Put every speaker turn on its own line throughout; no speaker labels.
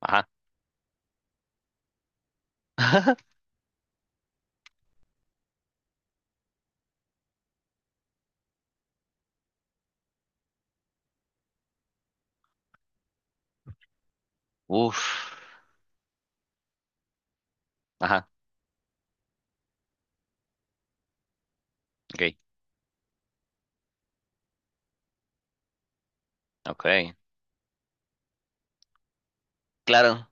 Ajá. Uf. Ajá. Ok. Ok. Claro.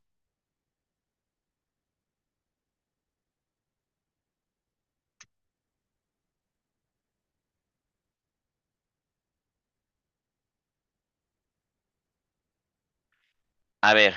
A ver,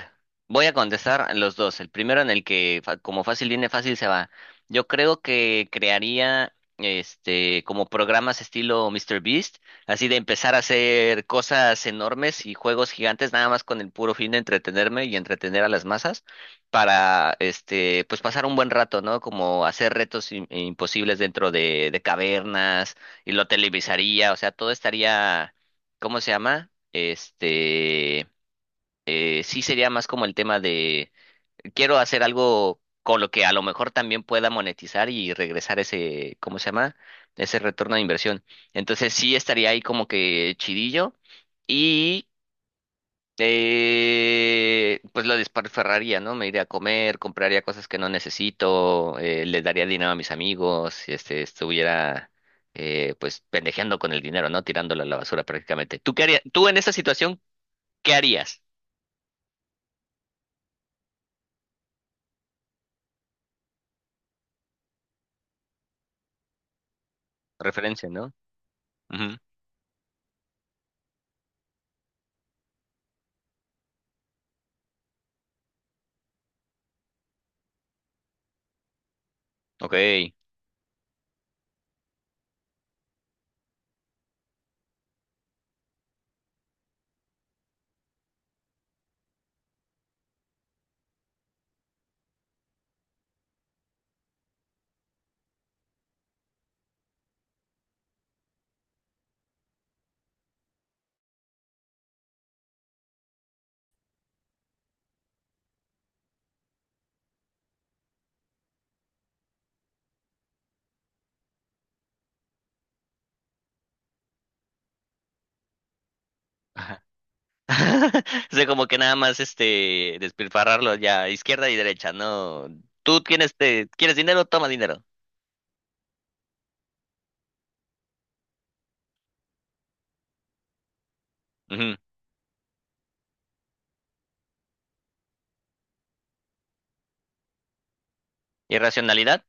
voy a contestar los dos. El primero en el que, como fácil viene, fácil se va. Yo creo que crearía, como programas estilo Mister Beast, así de empezar a hacer cosas enormes y juegos gigantes, nada más con el puro fin de entretenerme y entretener a las masas, para, pues pasar un buen rato, ¿no? Como hacer retos imposibles dentro de cavernas y lo televisaría, o sea, todo estaría, ¿cómo se llama? Sí sería más como el tema de quiero hacer algo con lo que a lo mejor también pueda monetizar y regresar ese, ¿cómo se llama? Ese retorno de inversión. Entonces sí estaría ahí como que chidillo y pues lo desparferraría, ¿no? Me iría a comer, compraría cosas que no necesito, le daría dinero a mis amigos, si estuviera. Pues pendejeando con el dinero, ¿no? Tirándolo a la basura prácticamente. ¿Tú qué harías? Tú en esa situación, ¿qué harías? Referencia, ¿no? Ujú. Ok. Ajá. O sea, como que nada más despilfarrarlo ya izquierda y derecha, ¿no? Tú quieres dinero, toma dinero. Ujú. ¿Irracionalidad?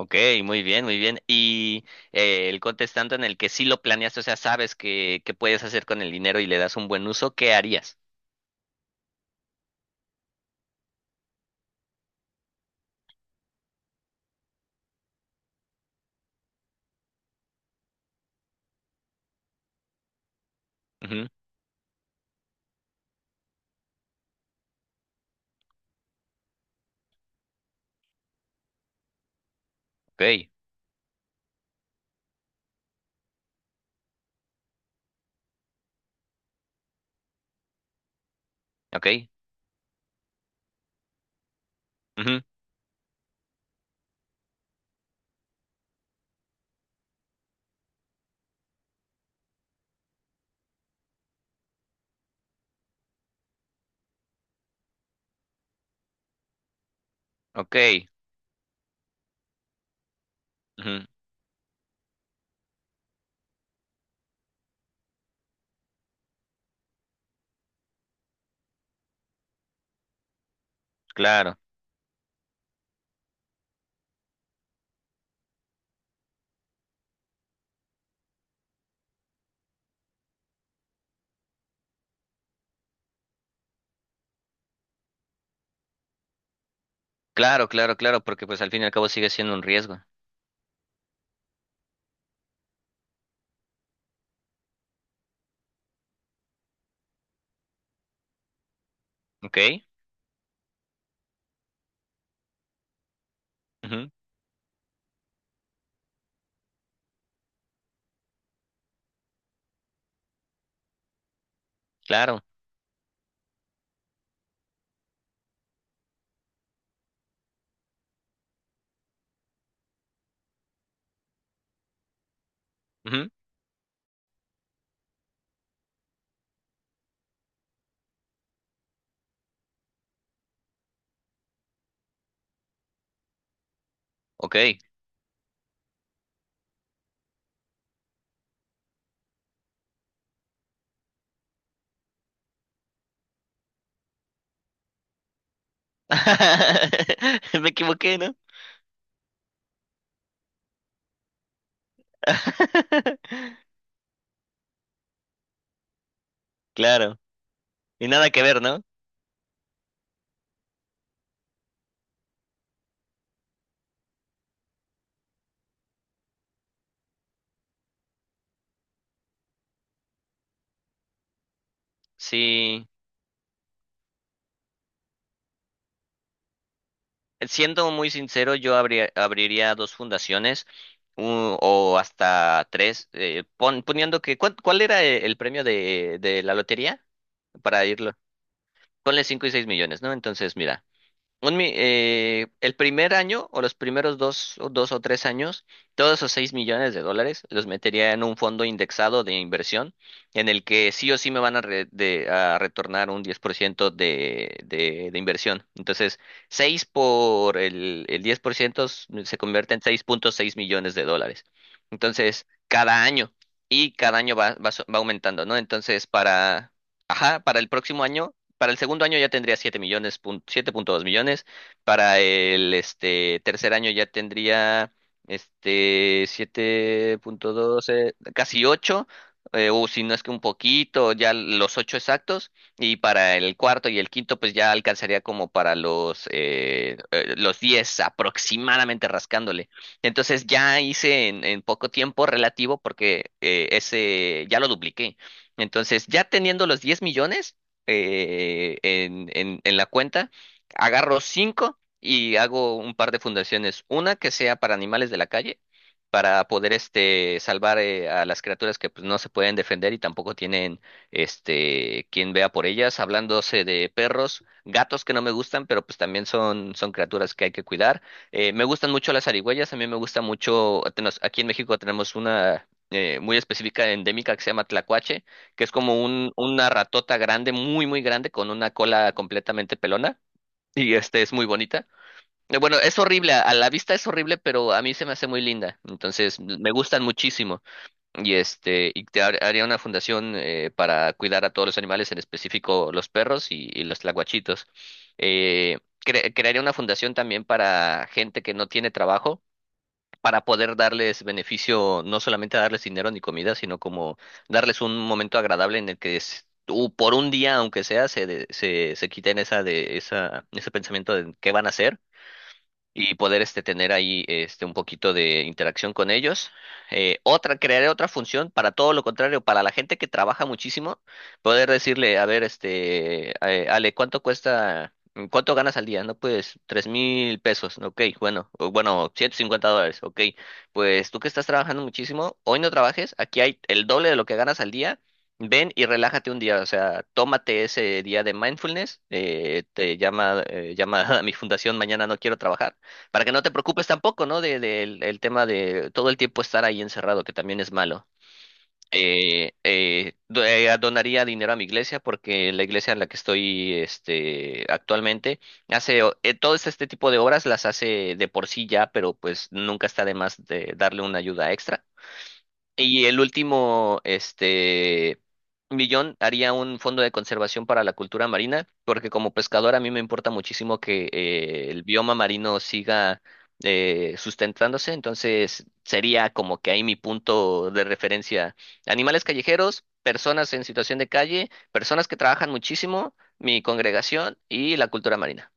Ok, muy bien, muy bien. Y el contestante en el que sí lo planeaste, o sea, sabes que, puedes hacer con el dinero y le das un buen uso, ¿qué harías? Ujú. Ok. Ok. Ujú. Ok. Ujú. Claro, claro, claro, claro, porque pues al fin y al cabo sigue siendo un riesgo. Ok. Ujú. Claro. Ujú. Ok. Me equivoqué, ¿no? Claro. Y nada que ver, ¿no? Sí. Siendo muy sincero, yo abriría dos fundaciones, u- o hasta tres, poniendo que, ¿¿cuál era el premio de la lotería? Para irlo. Ponle 5 y 6 millones, ¿no? Entonces, mira. El primer año o los primeros dos, o 2 o 3 años, todos esos 6 millones de dólares los metería en un fondo indexado de inversión en el que sí o sí me van a retornar un 10% de inversión. Entonces, 6 por el 10% se convierte en 6,6 millones de dólares. Entonces, cada año y cada año va aumentando, ¿no? Entonces, para, ajá, para el próximo año, para el segundo año ya tendría 7 millones, 7,2 millones. Para el tercer año ya tendría, 7,2, casi 8, o si no es que un poquito, ya los 8 exactos. Y para el cuarto y el quinto, pues ya alcanzaría como para los 10 aproximadamente rascándole. Entonces ya hice en, poco tiempo relativo porque ese ya lo dupliqué. Entonces, ya teniendo los 10 millones, en la cuenta, agarro cinco y hago un par de fundaciones. Una que sea para animales de la calle, para poder salvar a las criaturas que pues, no se pueden defender y tampoco tienen, quien vea por ellas. Hablándose de perros, gatos que no me gustan, pero pues también son, criaturas que hay que cuidar. Me gustan mucho las zarigüeyas, a mí me gusta mucho. Aquí en México tenemos una, muy específica endémica que se llama tlacuache, que es como una ratota grande, muy, muy grande, con una cola completamente pelona. Y es muy bonita. Bueno, es horrible, a la vista es horrible, pero a mí se me hace muy linda. Entonces, me gustan muchísimo. Y haría una fundación para cuidar a todos los animales, en específico los perros y los tlacuachitos. Eh, crearía una fundación también para gente que no tiene trabajo para poder darles beneficio, no solamente darles dinero ni comida, sino como darles un momento agradable en el que por un día, aunque sea, se quiten ese pensamiento de qué van a hacer y poder tener ahí un poquito de interacción con ellos. Crearé otra función para todo lo contrario, para la gente que trabaja muchísimo, poder decirle, a ver, Ale, ¿cuánto cuesta? ¿Cuánto ganas al día? No, pues 3.000 pesos, ok, bueno, o bueno, $150, ok, pues tú que estás trabajando muchísimo, hoy no trabajes, aquí hay el doble de lo que ganas al día, ven y relájate un día, o sea, tómate ese día de mindfulness, llama a mi fundación, mañana no quiero trabajar, para que no te preocupes tampoco, ¿no? El tema de todo el tiempo estar ahí encerrado, que también es malo. Donaría dinero a mi iglesia porque la iglesia en la que estoy, actualmente hace, todo este tipo de obras las hace de por sí ya, pero pues nunca está de más de darle una ayuda extra. Y el último, millón haría un fondo de conservación para la cultura marina, porque como pescador a mí me importa muchísimo que el bioma marino siga sustentándose, entonces sería como que ahí mi punto de referencia. Animales callejeros, personas en situación de calle, personas que trabajan muchísimo, mi congregación y la cultura marina.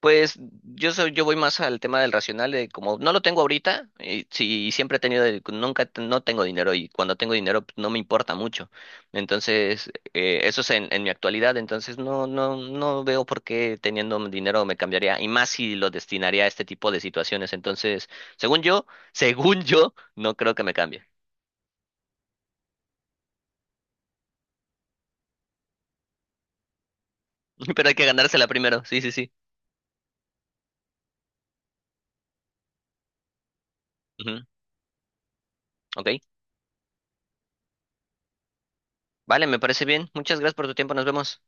Pues yo voy más al tema del racional, de como no lo tengo ahorita, y si siempre he tenido, el- nunca te- no tengo dinero y cuando tengo dinero pues, no me importa mucho. Entonces, eso es en, mi actualidad, entonces no veo por qué teniendo dinero me cambiaría, y más si lo destinaría a este tipo de situaciones. Entonces, según yo, según yo, no creo que me cambie. Pero hay que ganársela primero, sí, sí, sí. Ujú. Ok, vale, me parece bien. Muchas gracias por tu tiempo, nos vemos.